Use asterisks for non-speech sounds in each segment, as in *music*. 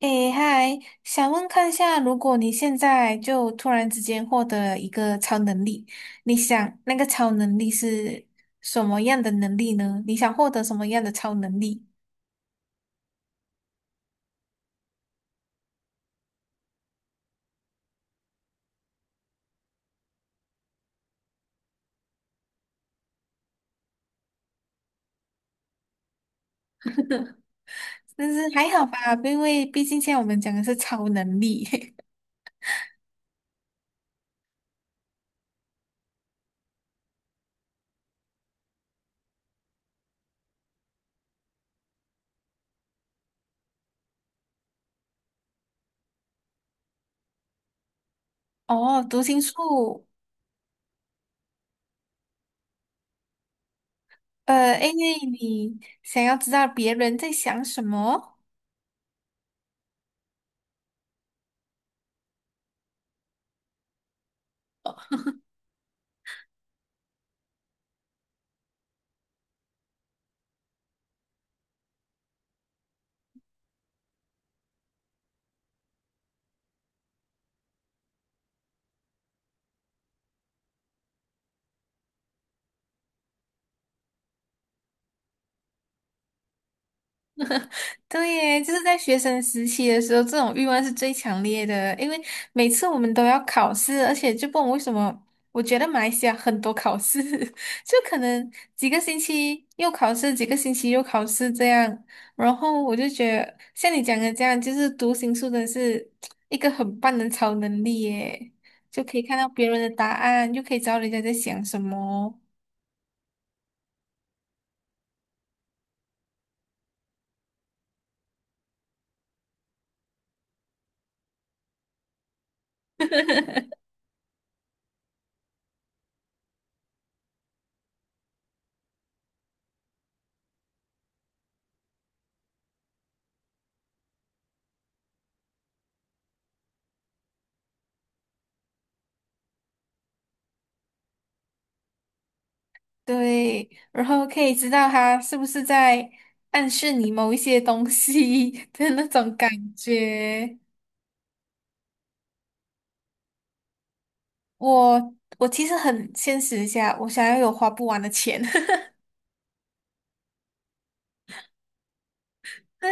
诶，嗨，想问看一下，如果你现在就突然之间获得一个超能力，你想那个超能力是什么样的能力呢？你想获得什么样的超能力？但是还好吧，因为毕竟现在我们讲的是超能力。*laughs* 哦，读心术，因为你想要知道别人在想什么。对耶，就是在学生时期的时候，这种欲望是最强烈的，因为每次我们都要考试，而且就不懂为什么，我觉得马来西亚很多考试，*laughs* 就可能几个星期又考试，几个星期又考试这样，然后我就觉得像你讲的这样，就是读心术真的是一个很棒的超能力耶，就可以看到别人的答案，又可以知道人家在想什么。*laughs* 对，然后可以知道他是不是在暗示你某一些东西 *laughs* 的那种感觉。我我其实很现实一下，我想要有花不完的钱。*laughs* 对，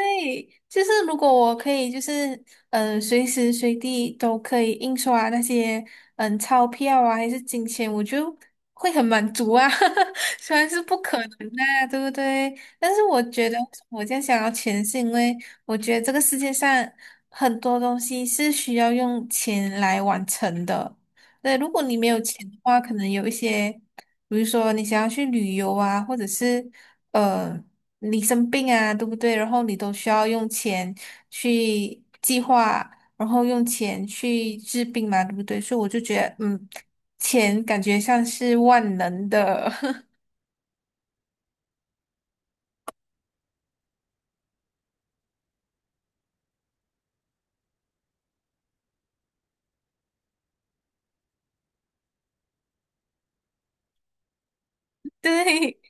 就是如果我可以，就是嗯，随时随地都可以印刷那些钞票啊，还是金钱，我就会很满足啊。*laughs* 虽然是不可能的啊，对不对？但是我觉得我这样想要钱，是因为我觉得这个世界上很多东西是需要用钱来完成的。对，如果你没有钱的话，可能有一些。比如说你想要去旅游啊，或者是呃你生病啊，对不对？然后你都需要用钱去计划，然后用钱去治病嘛，对不对？所以我就觉得，嗯，钱感觉像是万能的。*laughs* 对。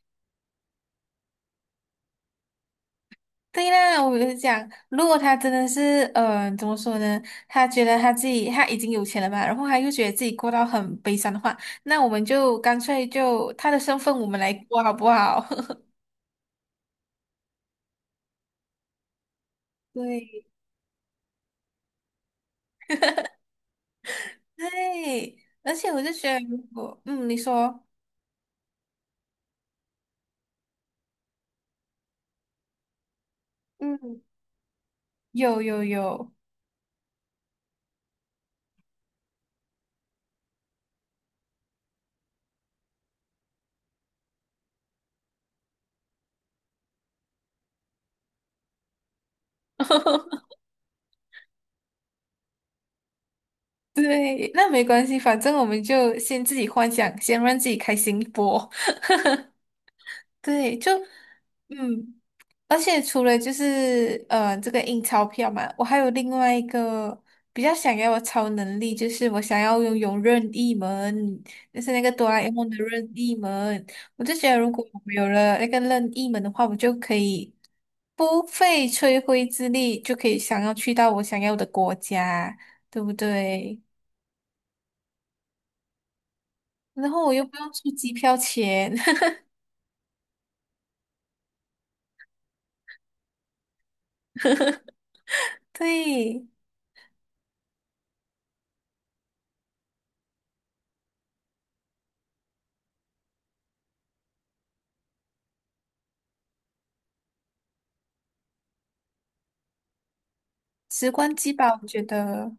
对啦，我就讲，如果他真的是，怎么说呢？他觉得他自己他已经有钱了嘛，然后他又觉得自己过到很悲伤的话，那我们就干脆就他的身份我们来过好不好？*laughs* 对。对，而且我就觉得，如果嗯，你说嗯，有有有，*laughs* 对，那没关系，反正我们就先自己幻想，先让自己开心一波。对，就嗯，而且除了就是这个印钞票嘛，我还有另外一个比较想要的超能力，就是我想要拥有任意门，就是那个哆啦 A 梦的任意门。我就觉得如果我有了那个任意门的话，我就可以不费吹灰之力就可以想要去到我想要的国家，对不对？然后我又不用出机票钱。*laughs* 对，时光机吧，我觉得。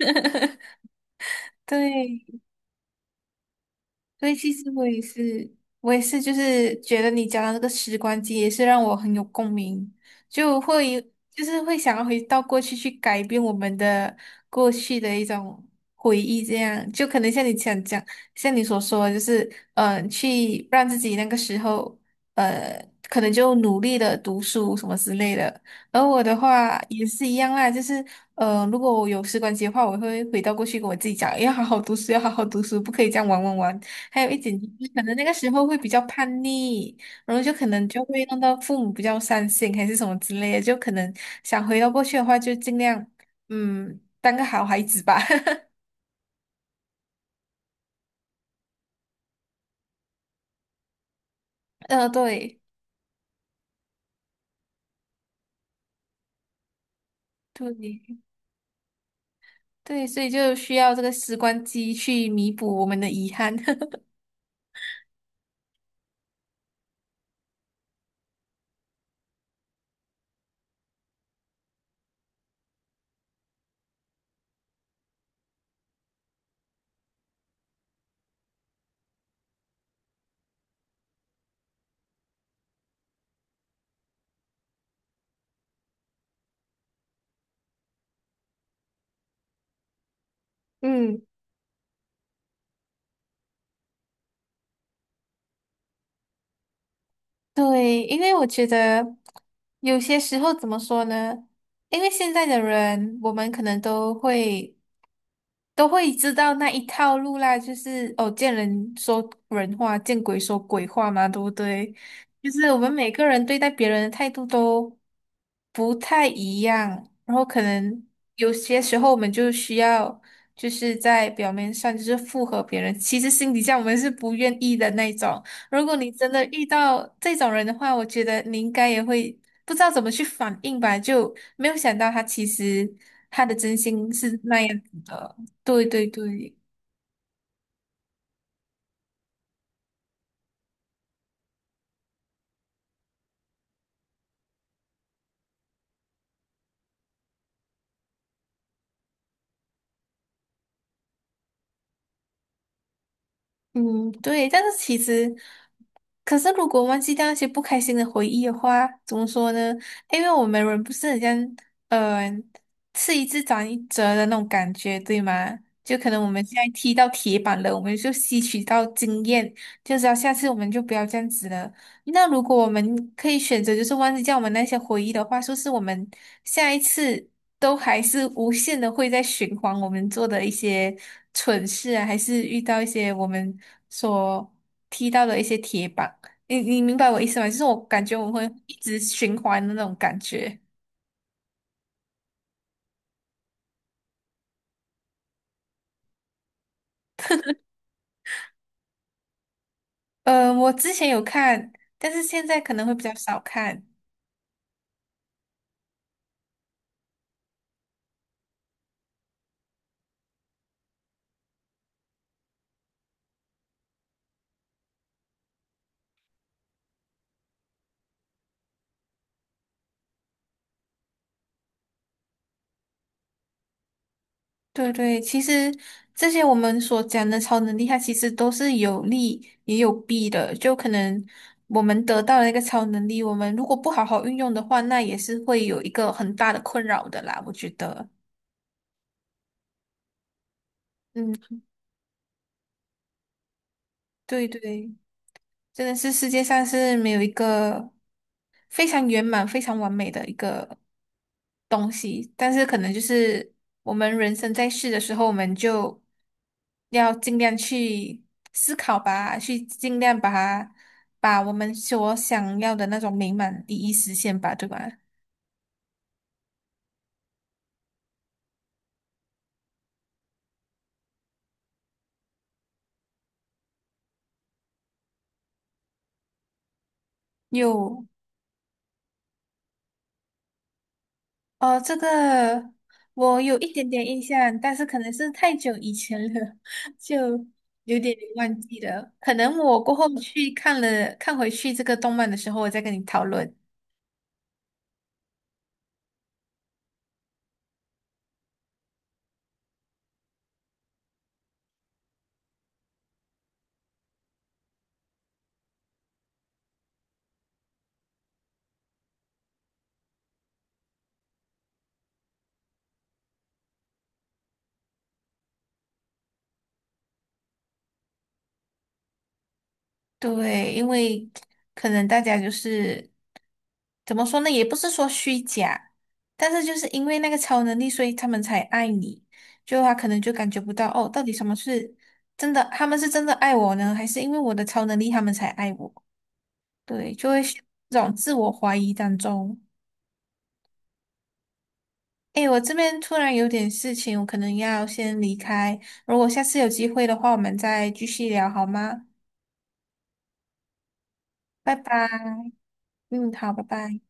*laughs* 对，所以其实我也是，我也是，就是觉得你讲的那个时光机也是让我很有共鸣，就会就是会想要回到过去去改变我们的过去的一种回忆，这样就可能像你想讲，像你所说的就是嗯，去让自己那个时候呃，可能就努力的读书什么之类的。而我的话也是一样啦，就是如果我有时光机的话，我会回到过去跟我自己讲，要好好读书，要好好读书，不可以这样玩玩玩。还有一点就是可能那个时候会比较叛逆，然后就可能就会弄到父母比较伤心还是什么之类的，就可能想回到过去的话，就尽量嗯当个好孩子吧。*laughs* 对对对，所以就需要这个时光机去弥补我们的遗憾。*laughs* 嗯对，因为我觉得有些时候怎么说呢？因为现在的人，我们可能都会。都会知道那一套路啦，就是哦，见人说人话，见鬼说鬼话嘛，对不对？就是我们每个人对待别人的态度都不太一样，然后可能有些时候我们就需要就是在表面上就是附和别人，其实心底下我们是不愿意的那种。如果你真的遇到这种人的话，我觉得你应该也会不知道怎么去反应吧，就没有想到他其实他的真心是那样子的。对对对，嗯，对，但是其实，可是如果忘记掉那些不开心的回忆的话，怎么说呢？因为我们人不是很像，呃，吃一堑长一智的那种感觉，对吗？就可能我们现在踢到铁板了，我们就吸取到经验，就知道下次我们就不要这样子了。那如果我们可以选择，就是忘记掉我们那些回忆的话，说是我们下一次都还是无限的会在循环我们做的一些蠢事啊，还是遇到一些我们所踢到的一些铁板？你明白我意思吗？就是我感觉我们会一直循环的那种感觉。我之前有看，但是现在可能会比较少看。对对，其实这些我们所讲的超能力，它其实都是有利也有弊的。就可能我们得到了一个超能力，我们如果不好好运用的话，那也是会有一个很大的困扰的啦。我觉得，嗯，对对。真的是世界上是没有一个非常圆满、非常完美的一个东西，但是可能就是我们人生在世的时候，我们就要尽量去思考吧，去尽量把它把我们所想要的那种美满第一实现吧，对吧？又哦，这个我有一点点印象，但是可能是太久以前了，*laughs* 就有点忘记了。可能我过后去看了，看回去这个动漫的时候，我再跟你讨论。对，因为可能大家就是怎么说呢，也不是说虚假，但是就是因为那个超能力，所以他们才爱你。就他可能就感觉不到哦，到底什么是真的，他们是真的爱我呢，还是因为我的超能力他们才爱我？对，就会陷入这种自我怀疑当中。诶，我这边突然有点事情，我可能要先离开。如果下次有机会的话，我们再继续聊好吗？拜拜。嗯，好，拜拜。